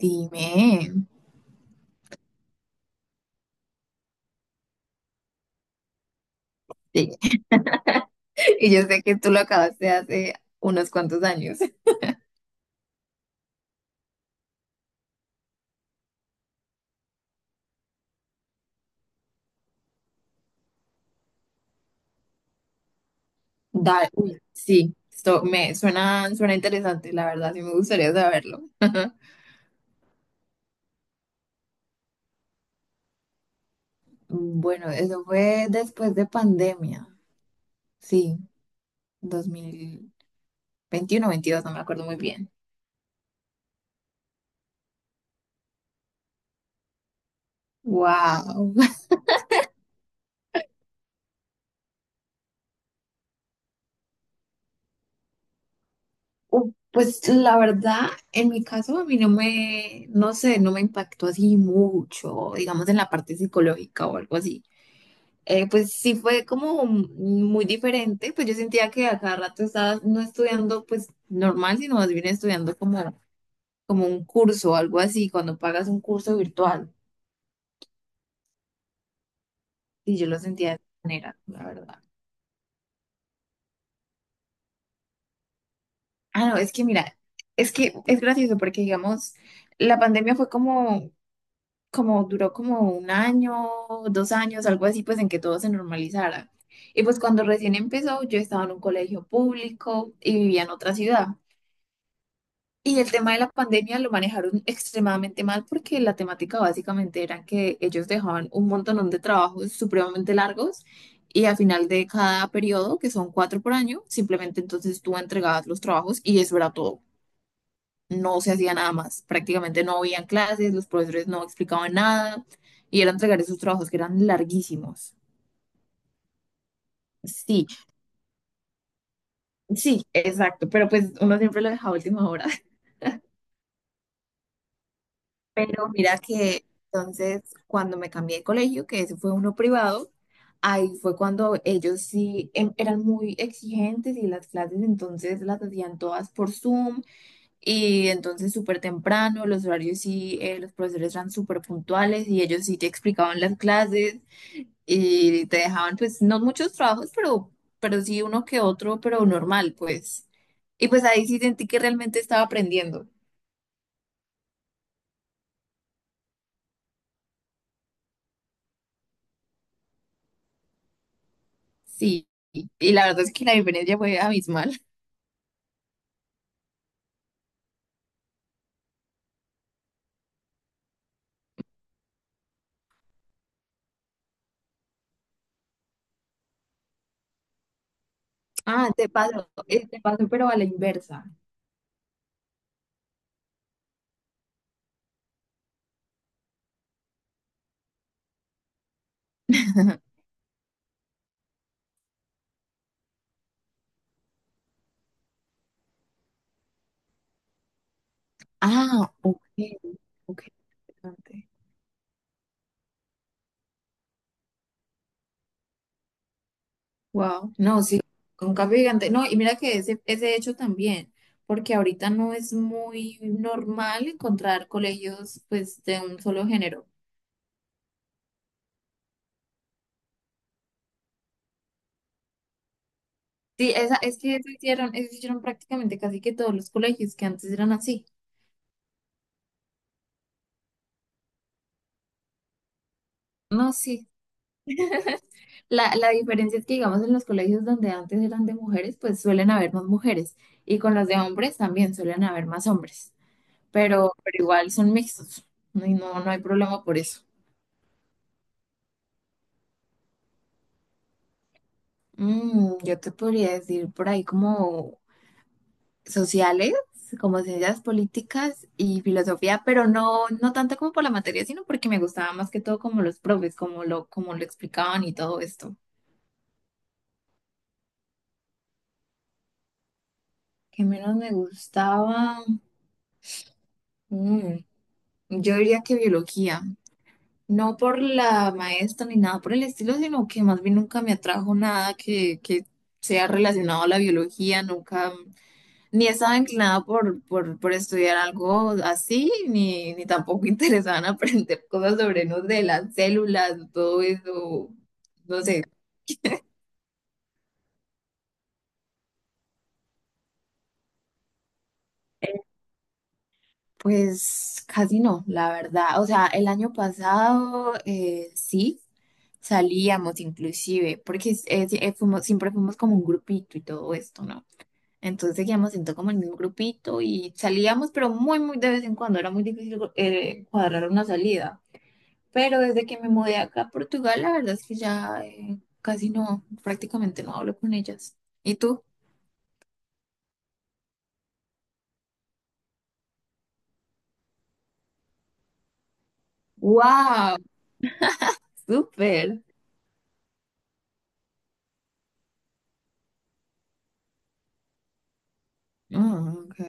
Dime. Sí. Y yo sé que tú lo acabaste hace unos cuantos años. Dale. Uy, sí, esto me suena interesante, la verdad, sí me gustaría saberlo. Bueno, eso fue después de pandemia. Sí, 2021, 22, no me acuerdo muy bien. Wow. Pues la verdad, en mi caso a mí no me, no sé, no me impactó así mucho, digamos en la parte psicológica o algo así. Pues sí fue como muy diferente, pues yo sentía que a cada rato estaba no estudiando pues normal, sino más bien estudiando como un curso algo así, cuando pagas un curso virtual. Y yo lo sentía de esa manera, la verdad. Ah, no, es que mira, es que es gracioso porque digamos, la pandemia fue como duró como un año, 2 años, algo así, pues en que todo se normalizara. Y pues cuando recién empezó, yo estaba en un colegio público y vivía en otra ciudad. Y el tema de la pandemia lo manejaron extremadamente mal porque la temática básicamente era que ellos dejaban un montón de trabajos supremamente largos y al final de cada periodo, que son 4 por año, simplemente entonces tú entregabas los trabajos y eso era todo. No se hacía nada más. Prácticamente no habían clases, los profesores no explicaban nada y era entregar esos trabajos que eran larguísimos. Sí, sí, exacto, pero pues uno siempre lo dejaba a última hora. Pero mira que entonces cuando me cambié de colegio, que ese fue uno privado, ahí fue cuando ellos sí eran muy exigentes y las clases entonces las hacían todas por Zoom y entonces súper temprano, los horarios sí, los profesores eran súper puntuales y ellos sí te explicaban las clases y te dejaban pues no muchos trabajos, pero sí uno que otro, pero normal pues. Y pues ahí sí sentí que realmente estaba aprendiendo. Sí, y la verdad es que la diferencia fue abismal. Ah, te paso, pero a la inversa. Ah, ok, ok, interesante. Wow, no, sí, con cambio gigante. No, y mira que ese hecho también, porque ahorita no es muy normal encontrar colegios pues de un solo género. Sí, esa, es que eso hicieron prácticamente casi que todos los colegios que antes eran así. No, sí, la diferencia es que, digamos, en los colegios donde antes eran de mujeres, pues suelen haber más mujeres. Y con los de hombres también suelen haber más hombres. Pero igual son mixtos. No, y no, no hay problema por eso. Yo te podría decir por ahí como sociales, como ciencias políticas y filosofía, pero no, no tanto como por la materia, sino porque me gustaba más que todo como los profes, como lo explicaban y todo esto. ¿Qué menos me gustaba? Mm, yo diría que biología. No por la maestra ni nada por el estilo, sino que más bien nunca me atrajo nada que sea relacionado a la biología, nunca, ni estaba inclinada por estudiar algo así, ni tampoco interesada en aprender cosas sobre, no sé, las células, todo eso, no sé, pues casi no, la verdad. O sea, el año pasado sí. Salíamos inclusive, porque sí, siempre fuimos como un grupito y todo esto, ¿no? Entonces seguíamos siendo como el mismo grupito y salíamos, pero muy, muy de vez en cuando. Era muy difícil cuadrar una salida. Pero desde que me mudé acá a Portugal, la verdad es que ya casi no, prácticamente no hablo con ellas. ¿Y tú? ¡Wow! ¡Súper! Ah, ok.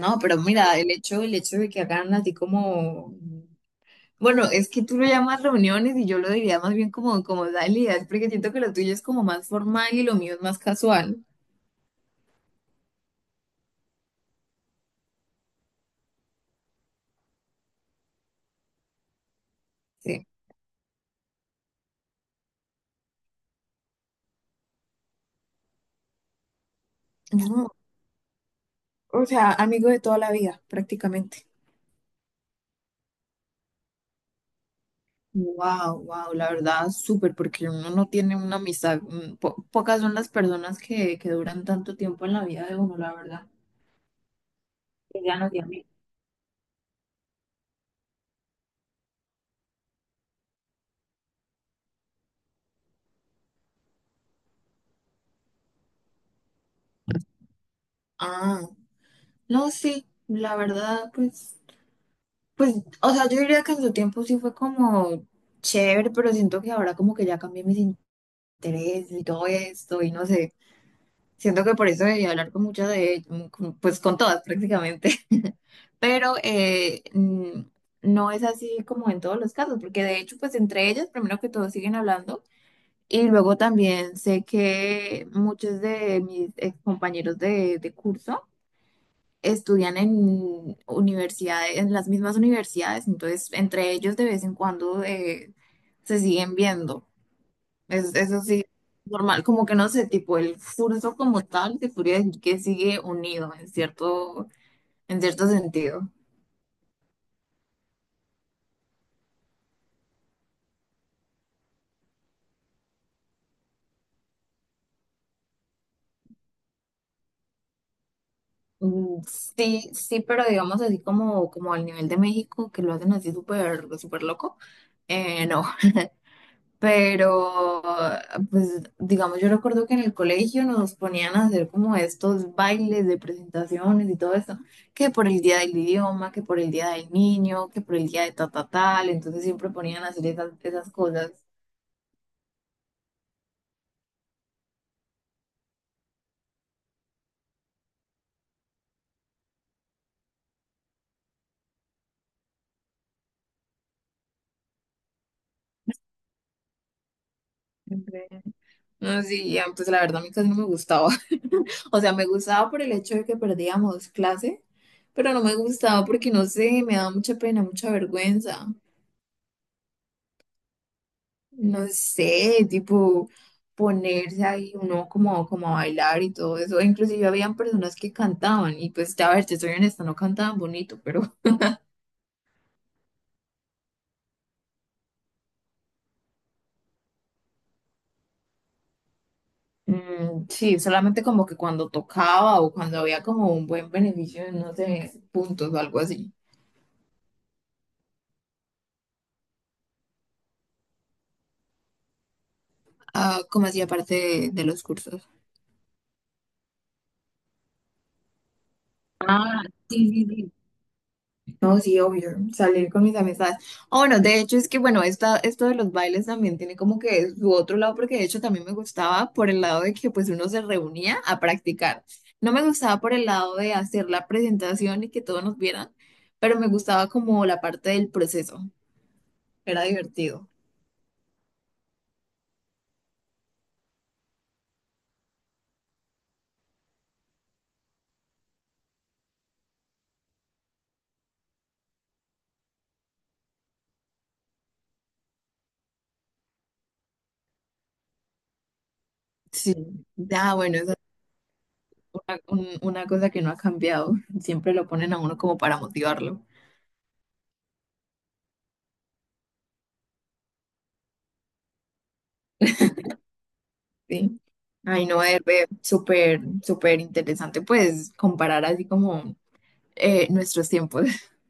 No, pero mira, el hecho de que hagan así como... Bueno, es que tú lo llamas reuniones y yo lo diría más bien como salidas, porque siento que lo tuyo es como más formal y lo mío es más casual. Sí. O sea, amigos de toda la vida, prácticamente. Wow, wow, la verdad, súper, porque uno no tiene una amistad, pocas son las personas que duran tanto tiempo en la vida de uno, la verdad, que ya no de amigos. Ah, no, sí, la verdad, pues, o sea, yo diría que en su tiempo sí fue como chévere, pero siento que ahora como que ya cambié mis intereses y todo esto, y no sé. Siento que por eso debí hablar con muchas de ellas, pues con todas prácticamente. Pero no es así como en todos los casos, porque de hecho, pues entre ellas, primero que todo, siguen hablando. Y luego también sé que muchos de mis ex compañeros de curso estudian en universidades, en las mismas universidades, entonces entre ellos de vez en cuando se siguen viendo. Es, eso sí, normal, como que no sé, tipo el curso como tal, te podría decir que sigue unido en cierto sentido. Mm, Sí, sí, pero digamos así como, como al nivel de México, que lo hacen así súper, súper loco, no, pero pues digamos, yo recuerdo que en el colegio nos ponían a hacer como estos bailes de presentaciones y todo eso, que por el día del idioma, que por el día del niño, que por el día de ta, ta, tal, entonces siempre ponían a hacer esas cosas. Siempre. No, sí, ya, pues la verdad a mí casi no me gustaba. O sea, me gustaba por el hecho de que perdíamos clase, pero no me gustaba porque, no sé, me daba mucha pena, mucha vergüenza. No sé, tipo ponerse ahí uno como a bailar y todo eso. Inclusive habían personas que cantaban y pues, a ver, te soy honesta, no cantaban bonito, pero sí, solamente como que cuando tocaba o cuando había como un buen beneficio, no sé, puntos o algo así. Ah, ¿como hacía parte de los cursos? Ah, sí, sí, sí. No, sí, obvio, salir con mis amistades. Oh, bueno, de hecho es que, bueno, esto de los bailes también tiene como que su otro lado, porque de hecho también me gustaba por el lado de que pues uno se reunía a practicar. No me gustaba por el lado de hacer la presentación y que todos nos vieran, pero me gustaba como la parte del proceso. Era divertido. Sí. Ah, bueno, esa es una cosa que no ha cambiado. Siempre lo ponen a uno como para motivarlo. Sí. Ay, no, es súper, súper interesante, pues, comparar así como nuestros tiempos.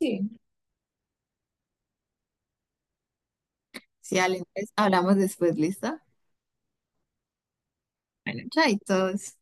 Sí. Sí, Ale, entonces hablamos después, ¿listo? Bueno, chaitos.